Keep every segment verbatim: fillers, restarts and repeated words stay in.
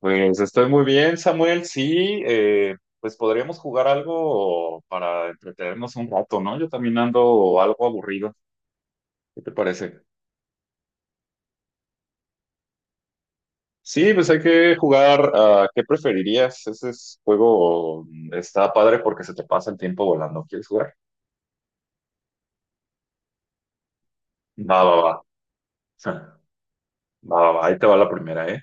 Pues estoy muy bien, Samuel. Sí, eh, pues podríamos jugar algo para entretenernos un rato, ¿no? Yo también ando algo aburrido. ¿Qué te parece? Sí, pues hay que jugar a ¿qué preferirías? Ese es- juego mm, está padre porque se te pasa el tiempo volando. ¿Quieres jugar? Va, va, va. Va, va, va. Ahí te va la primera, ¿eh?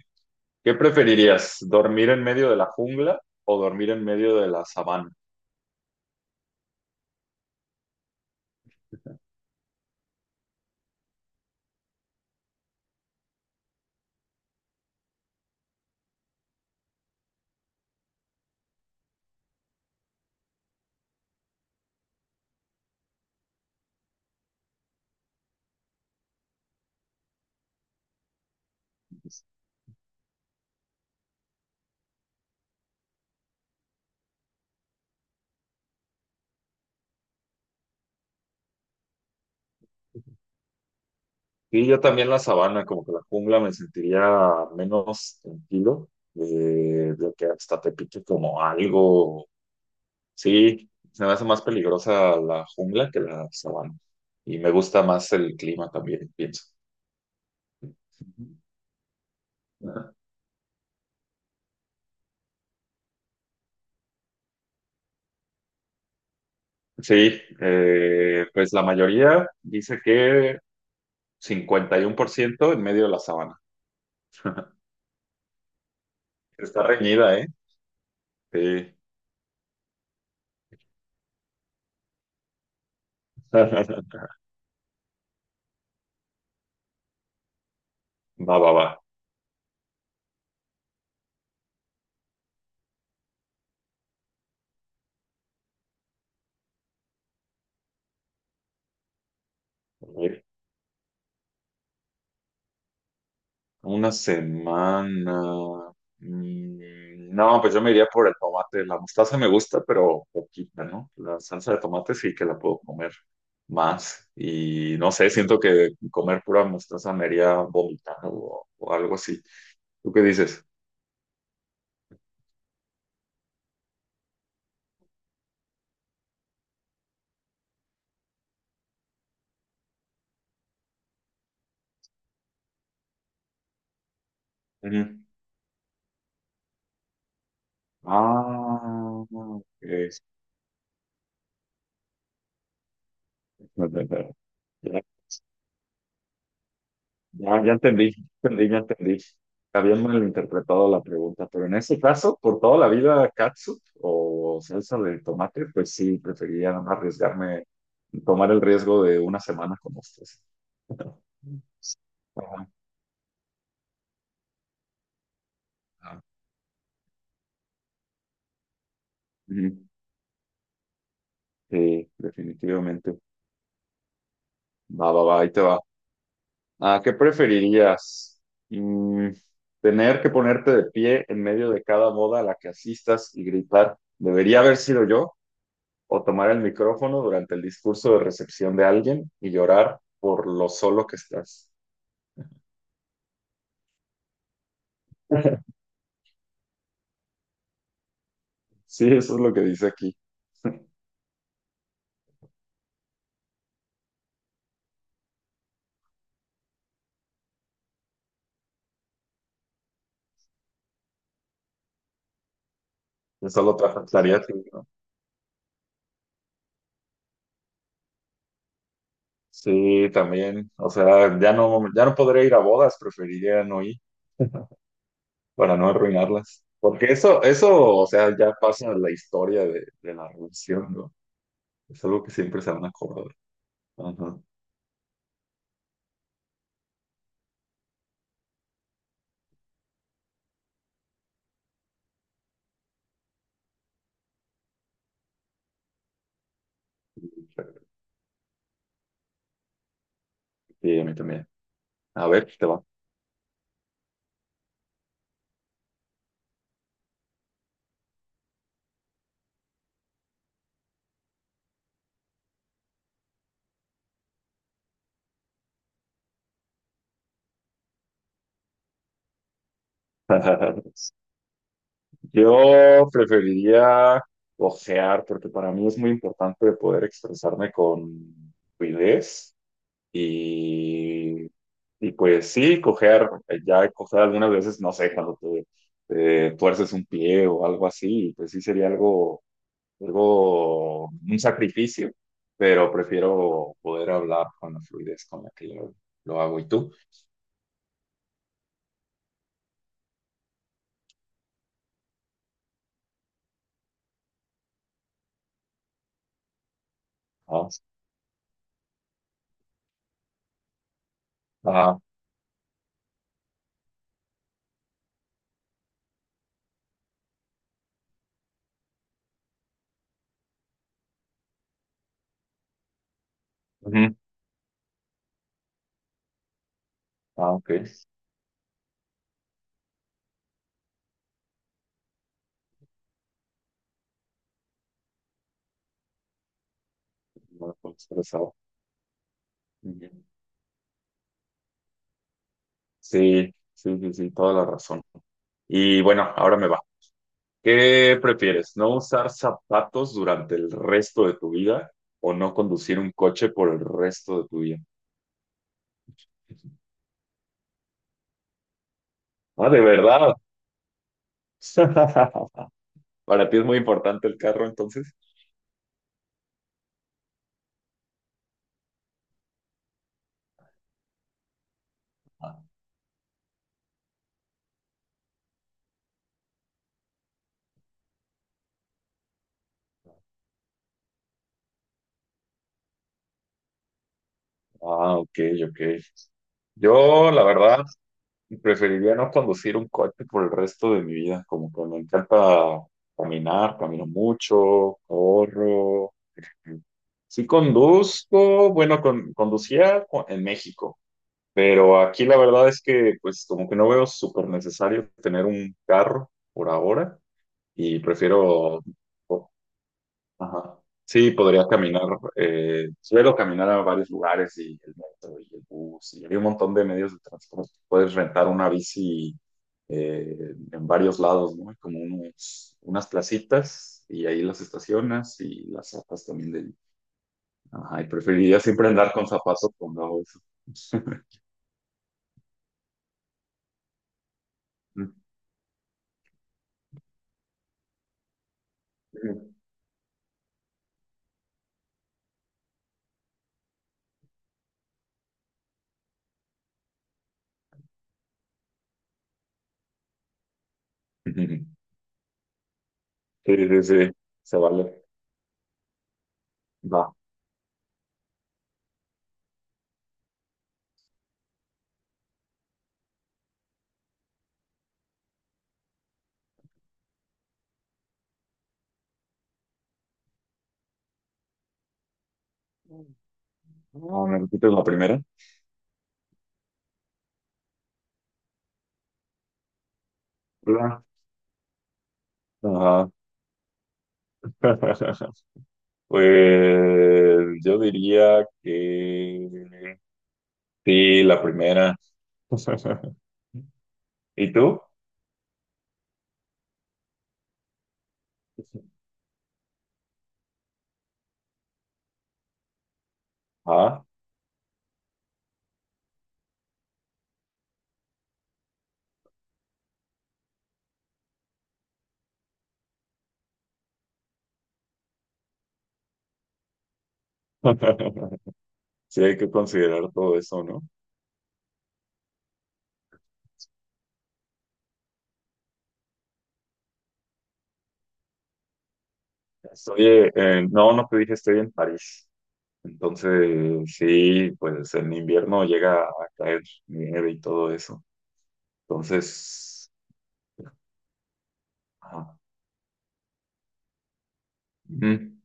¿Qué preferirías? ¿Dormir en medio de la jungla o dormir en medio de la sabana? Y yo también la sabana, como que la jungla me sentiría menos tranquilo, eh, de que hasta te pique como algo. Sí, se me hace más peligrosa la jungla que la sabana. Y me gusta más el clima también, pienso. Ajá. Sí, eh, pues la mayoría dice que cincuenta y uno por ciento en medio de la sabana. Está reñida, ¿eh? Sí. Va, va, va. A ver, una semana. Mm, No, pues yo me iría por el tomate. La mostaza me gusta, pero poquita, ¿no? La salsa de tomate sí que la puedo comer más. Y no sé, siento que comer pura mostaza me haría vomitar o, o algo así. ¿Tú qué dices? Ah, es- ya, ya, ya entendí, ya entendí, ya entendí. Había malinterpretado la pregunta, pero en ese caso, por toda la vida, catsup o salsa de tomate, pues sí, prefería no arriesgarme, tomar el riesgo de una semana con ustedes. Ajá. Ajá. Ujú. Sí, definitivamente. Va, va, va, ahí te va. Ah, ¿qué preferirías? Mm, ¿tener que ponerte de pie en medio de cada boda a la que asistas y gritar, debería haber sido yo? ¿O tomar el micrófono durante el discurso de recepción de alguien y llorar por lo solo que estás? Sí, eso es lo que dice aquí. Eso lo trataría así, ¿no? Sí, también. O sea, ya no, ya no podré ir a bodas, preferiría no ir para no arruinarlas. Porque eso, eso, o sea, ya pasa en la historia de, de la relación, ¿no? Es algo que siempre se van a acordar. Ajá. Sí, a mí también. A ver, te va. Yo preferiría ojear, porque para mí es muy importante poder expresarme con fluidez y, y pues sí, cojear. Eh, ya he cojeado algunas veces, no sé, cuando te, te tuerces un pie o algo así, pues sí sería algo, algo, un sacrificio, pero prefiero poder hablar con la fluidez con la que lo, lo hago. ¿Y tú? Ah. Ah, ujú. Ah, ok. No lo puedo expresar. Bien. Sí, sí, sí, sí, toda la razón. Y bueno, ahora me va. ¿Qué prefieres? ¿No usar zapatos durante el resto de tu vida o no conducir un coche por el resto de tu vida? Ah, ¿de verdad? Para ti es muy importante el carro, entonces. Ah, ok, ok. Yo, la verdad, preferiría no conducir un coche por el resto de mi vida, como que me encanta caminar, camino mucho, corro. Mm. Sí conduzco, bueno, con- conducía cu- en México, pero aquí la verdad es que pues como que no veo súper necesario tener un carro por ahora, y prefiero. Ajá. Sí, podrías caminar, eh, suelo caminar a varios lugares y el metro y el bus y hay un montón de medios de transporte. Puedes rentar una bici, eh, en varios lados, ¿no? Hay como unos, unas placitas y ahí las estacionas y las zapas también de ahí. Ajá, y preferiría siempre andar con zapatos cuando hago eso. Sí, sí, sí, se vale. Va. No, ¿me repites la primera? Hola. Ajá. Pues yo diría que sí, la primera. ¿Y tú? Ah. Sí, hay que considerar todo eso, ¿no? Estoy, eh, eh, no, no te dije, estoy en París. Entonces, sí, pues en invierno llega a caer nieve y todo eso. Entonces, ajá. Ujú.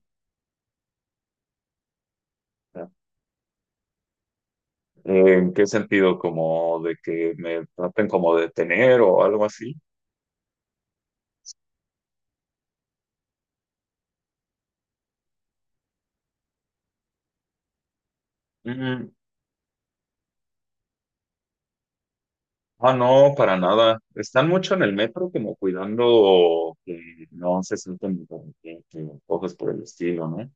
¿En qué sentido? ¿Como de que me traten como de tener o algo así? Ah, no, para nada. Están mucho en el metro como cuidando que no se sienten inconvenientes o cosas por el estilo, ¿no?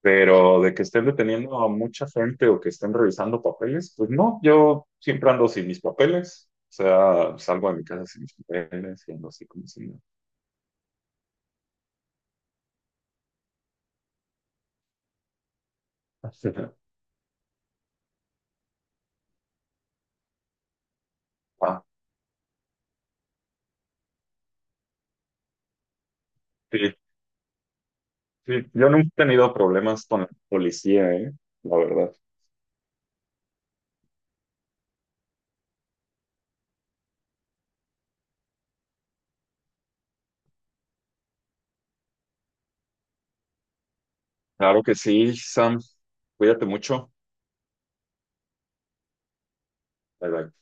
Pero de que estén deteniendo a mucha gente o que estén revisando papeles, pues no, yo siempre ando sin mis papeles. O sea, salgo de mi casa sin mis papeles y ando así como si no. Ah, sí, sí. Yo nunca he tenido problemas con la policía, ¿eh? La verdad. Claro que sí, Sam. Cuídate mucho. Bye, bye.